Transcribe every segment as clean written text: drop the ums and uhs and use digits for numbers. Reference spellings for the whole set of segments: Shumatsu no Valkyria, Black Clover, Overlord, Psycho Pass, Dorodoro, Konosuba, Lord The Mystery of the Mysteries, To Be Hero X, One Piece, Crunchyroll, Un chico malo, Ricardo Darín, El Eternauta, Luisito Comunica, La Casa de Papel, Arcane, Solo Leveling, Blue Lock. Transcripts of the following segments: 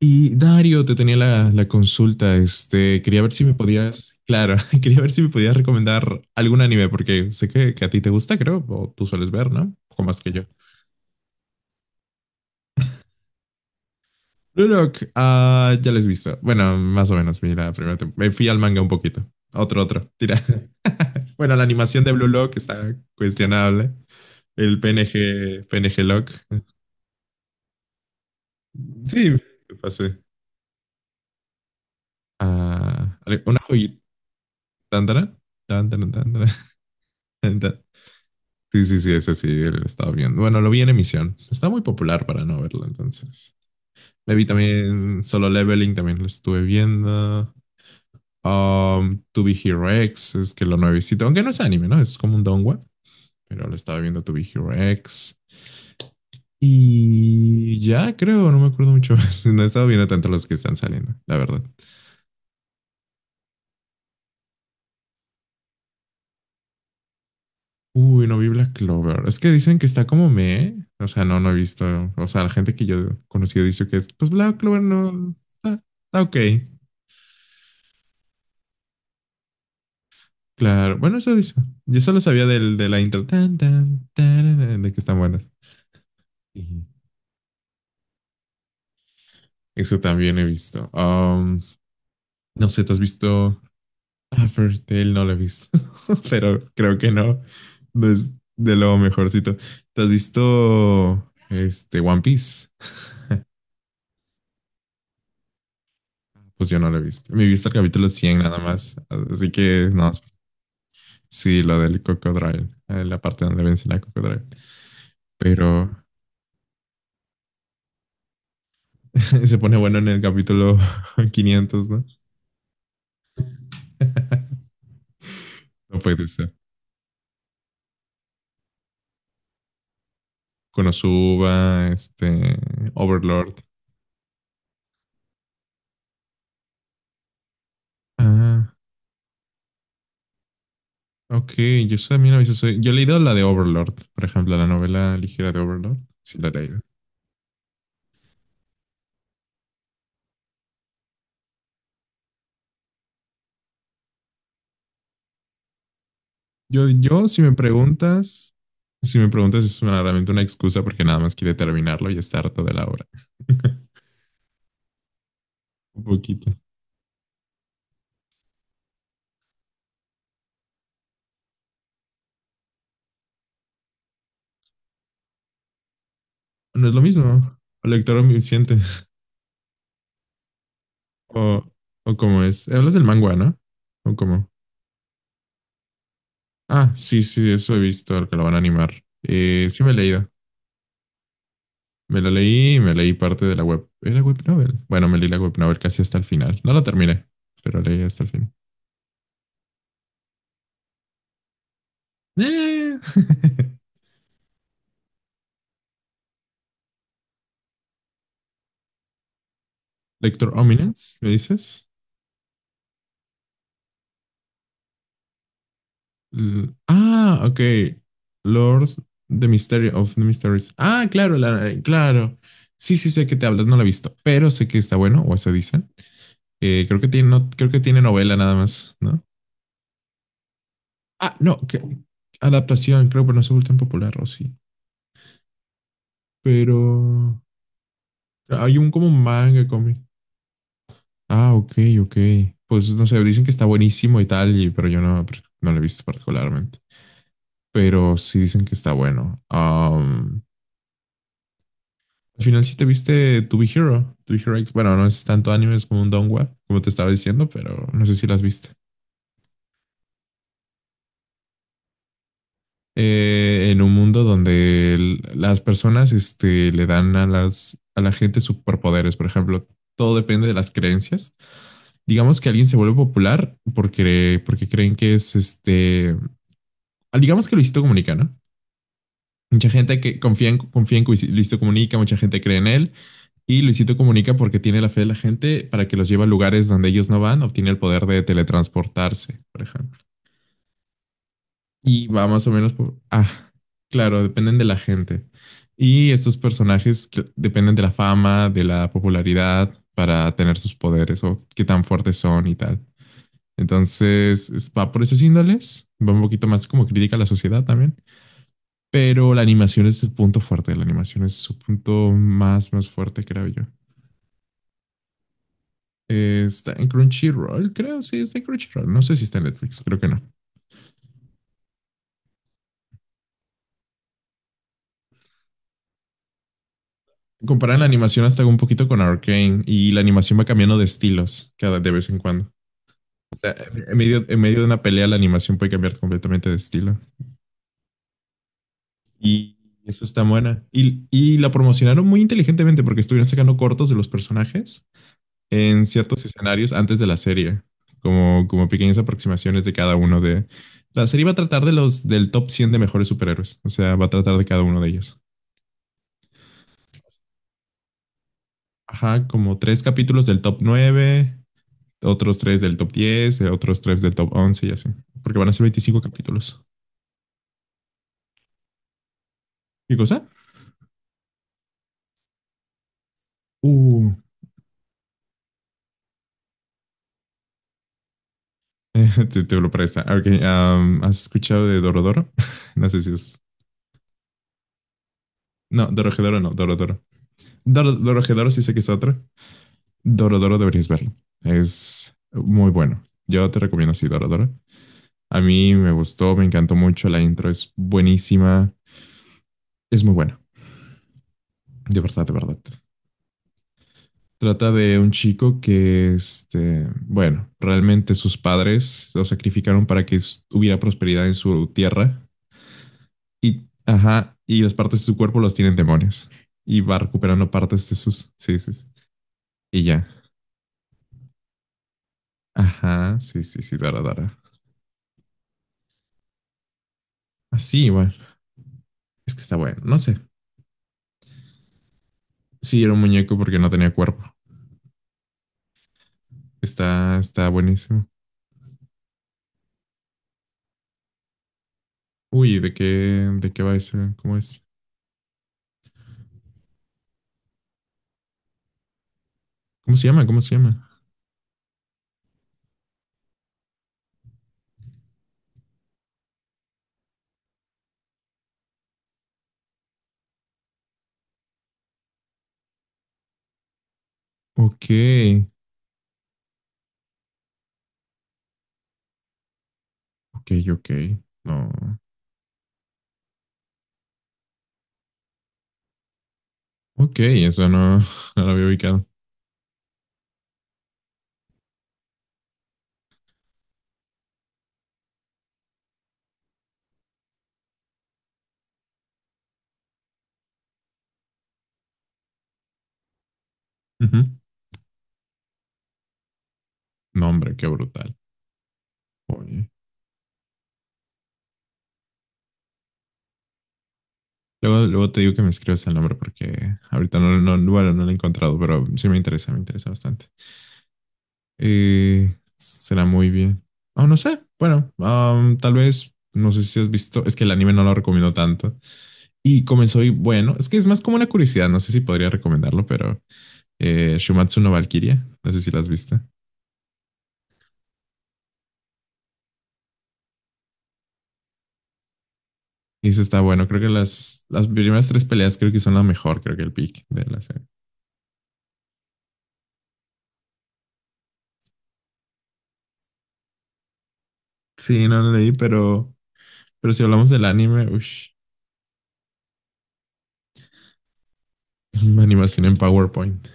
Y Dario, te tenía la consulta. Quería ver si me podías, claro, quería ver si me podías recomendar algún anime, porque sé que a ti te gusta, creo, o tú sueles ver, ¿no? Un poco más que yo. Blue Lock, ah, ya les he visto. Bueno, más o menos, vi la primera tem- Me fui al manga un poquito. Otro, otro, tira. Bueno, la animación de Blue Lock está cuestionable. El PNG, PNG Lock. Sí, me pasé. Ah, una joyita. Tan, tan, tan, tan, tan, tan, tan. Sí, sí, sí, ese sí, lo estaba viendo. Bueno, lo vi en emisión. Está muy popular para no verlo, entonces. Me vi también Solo Leveling, también lo estuve viendo. To Be Hero X, es que lo nuevecito, aunque no es anime, ¿no? Es como un donghua, pero lo estaba viendo To Be Hero X. Y ya creo, no me acuerdo mucho más. No he estado viendo tanto los que están saliendo, la verdad. Uy, no vi Black Clover. Es que dicen que está como me. O sea, no, no he visto. O sea, la gente que yo he conocido dice que es, pues Black Clover no está, está ok. Claro, bueno, eso dice. Yo solo sabía del, de la intro, tan, tan, tararán, de que están buenas. Y eso también he visto. No sé, ¿tú has visto Tale? No lo he visto, pero creo que no. No es de lo mejorcito. ¿Te has visto este, One Piece? Pues yo no lo he visto. Me he visto el capítulo 100 nada más. Así que, no, sí, lo del Cocodrilo, la parte donde vence la Cocodrilo. Pero se pone bueno en el capítulo 500, ¿no? No puede ser. Konosuba, Overlord. Ah, ok. Yo también a veces soy. Yo he leído la de Overlord, por ejemplo, la novela ligera de Overlord. Sí, la he leído. Si me preguntas, si me preguntas, es realmente una excusa porque nada más quiere terminarlo y está harto de la obra. Un poquito. No es lo mismo. O lector omnisciente. O, o cómo es. Hablas del manga, ¿no? ¿O cómo? Ah, sí, sí, eso he visto, el que lo van a animar. Sí me he leído. Me leí parte de la web. ¿Era web novel? Bueno, me leí la web novel casi hasta el final. No la terminé, pero leí hasta el final. Eh. Lector Ominence, ¿me dices? Ah, ok. Lord The Mystery of the Mysteries. Ah, claro, claro. Sí, sí, sé que te hablas, no la he visto, pero sé que está bueno, o eso dicen. Creo que tiene, no, creo que tiene novela nada más, ¿no? Ah, no, adaptación, creo, pero no se vuelve tan popular, o sí. Pero hay un como manga cómic. Ah, ok, ok. Pues no sé, dicen que está buenísimo y tal, y, pero yo no, no lo he visto particularmente. Pero sí dicen que está bueno. Al final sí te viste To Be Hero, To Be Hero X. Bueno, no es tanto anime, es como un donghua, como te estaba diciendo, pero no sé si las viste. En un mundo donde las personas le dan a la gente superpoderes, por ejemplo, todo depende de las creencias. Digamos que alguien se vuelve popular porque, porque creen que es digamos que Luisito Comunica, ¿no? Mucha gente que confía en Luisito Comunica, mucha gente cree en él. Y Luisito Comunica, porque tiene la fe de la gente para que los lleve a lugares donde ellos no van, obtiene el poder de teletransportarse, por ejemplo. Y va más o menos por... Ah, claro, dependen de la gente. Y estos personajes que dependen de la fama, de la popularidad para tener sus poderes o qué tan fuertes son y tal. Entonces, va por esas índoles. Va un poquito más como crítica a la sociedad también. Pero la animación es el punto fuerte, la animación es su punto más, más fuerte, creo yo. Está en Crunchyroll, creo, sí, está en Crunchyroll. No sé si está en Netflix, creo que no. Comparan la animación hasta un poquito con Arcane y la animación va cambiando de estilos cada de vez en cuando. O sea, en medio de una pelea la animación puede cambiar completamente de estilo. Y eso está buena. Y la promocionaron muy inteligentemente porque estuvieron sacando cortos de los personajes en ciertos escenarios antes de la serie, como pequeñas aproximaciones de cada uno de... La serie va a tratar de los del top 100 de mejores superhéroes, o sea, va a tratar de cada uno de ellos. Ajá, como tres capítulos del top 9, otros tres del top 10, otros tres del top 11 y así, porque van a ser 25 capítulos. ¿Qué cosa? Uh, te lo presta. Ok, ¿has escuchado de Dorodoro? No sé si es... No, Dorojedoro no, Dorodoro. Dorojedoro sí sé que es otro. Dorodoro deberías verlo. Es muy bueno. Yo te recomiendo así Dorodoro. A mí me gustó, me encantó mucho. La intro es buenísima. Es muy buena. De verdad, de verdad. Trata de un chico que, este, bueno, realmente sus padres lo sacrificaron para que hubiera prosperidad en su tierra. Y, ajá, y las partes de su cuerpo las tienen demonios. Y va recuperando partes de sus... Sí, sí, sí. Y ya. Ajá, sí, sí, sí, dara, dara. Así, bueno. Es que está bueno. No sé. Sí, era un muñeco porque no tenía cuerpo. Está buenísimo. Uy, ¿de qué va ese? ¿Cómo es? ¿Cómo se llama? ¿Cómo se llama? Ok, ok, ok. No. Ok, eso no, no lo había ubicado. Ujú. No, hombre, qué brutal. Oye. Luego, luego te digo que me escribas el nombre porque ahorita no, no, bueno, no lo he encontrado, pero sí me interesa bastante. Será muy bien. Oh, no sé. Bueno, tal vez, no sé si has visto, es que el anime no lo recomiendo tanto. Y comenzó y bueno, es que es más como una curiosidad, no sé si podría recomendarlo, pero Shumatsu no Valkyria, no sé si la has visto. Y eso está bueno, creo que las primeras tres peleas creo que son la mejor, creo que el pick de la serie. Sí, no lo leí, pero si hablamos del anime, ush, animación en PowerPoint.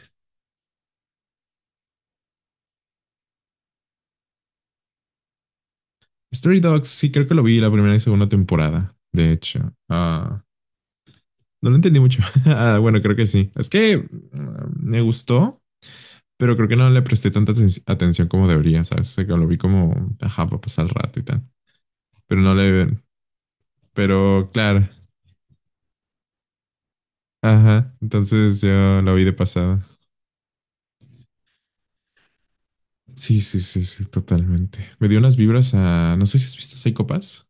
Story Dogs, sí, creo que lo vi la primera y segunda temporada, de hecho. Ah, no lo entendí mucho. Ah, bueno, creo que sí. Es que me gustó, pero creo que no le presté tanta atención como debería, ¿sabes? O sea, que lo vi como, ajá, para pasar el rato y tal. Pero no le... Pero claro, ajá. Entonces yo lo vi de pasada. Sí, sí, sí, sí, totalmente. Me dio unas vibras a... No sé si has visto Psycho Pass.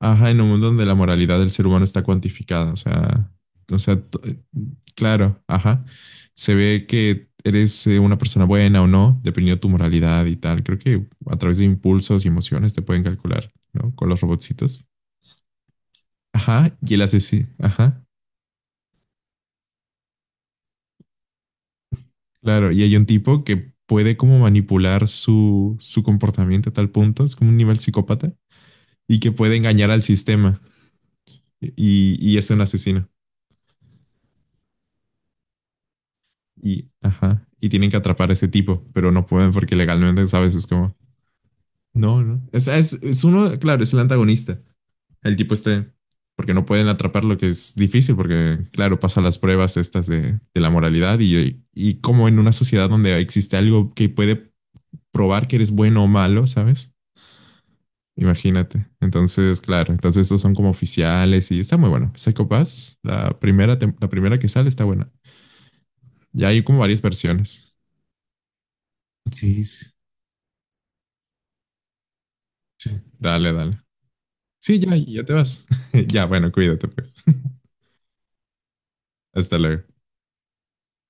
Ajá, en un mundo donde la moralidad del ser humano está cuantificada. O sea, claro, ajá. Se ve que eres una persona buena o no, dependiendo de tu moralidad y tal. Creo que a través de impulsos y emociones te pueden calcular, ¿no? Con los robotcitos. Ajá, y el asesino. Ajá, claro. Y hay un tipo que puede como manipular su comportamiento a tal punto, es como un nivel psicópata, y que puede engañar al sistema. Y es un asesino. Y, ajá, y tienen que atrapar a ese tipo, pero no pueden porque legalmente, ¿sabes? Es como, no, no. Es uno, claro, es el antagonista. El tipo este, porque no pueden atraparlo, que es difícil, porque claro, pasan las pruebas estas de la moralidad y como en una sociedad donde existe algo que puede probar que eres bueno o malo, ¿sabes? Imagínate. Entonces, claro, entonces estos son como oficiales y está muy bueno. Psycho Pass, la primera que sale está buena. Ya hay como varias versiones. Sí, sí. Dale, dale. Sí, ya, ya te vas. Ya, bueno, cuídate pues. Hasta luego.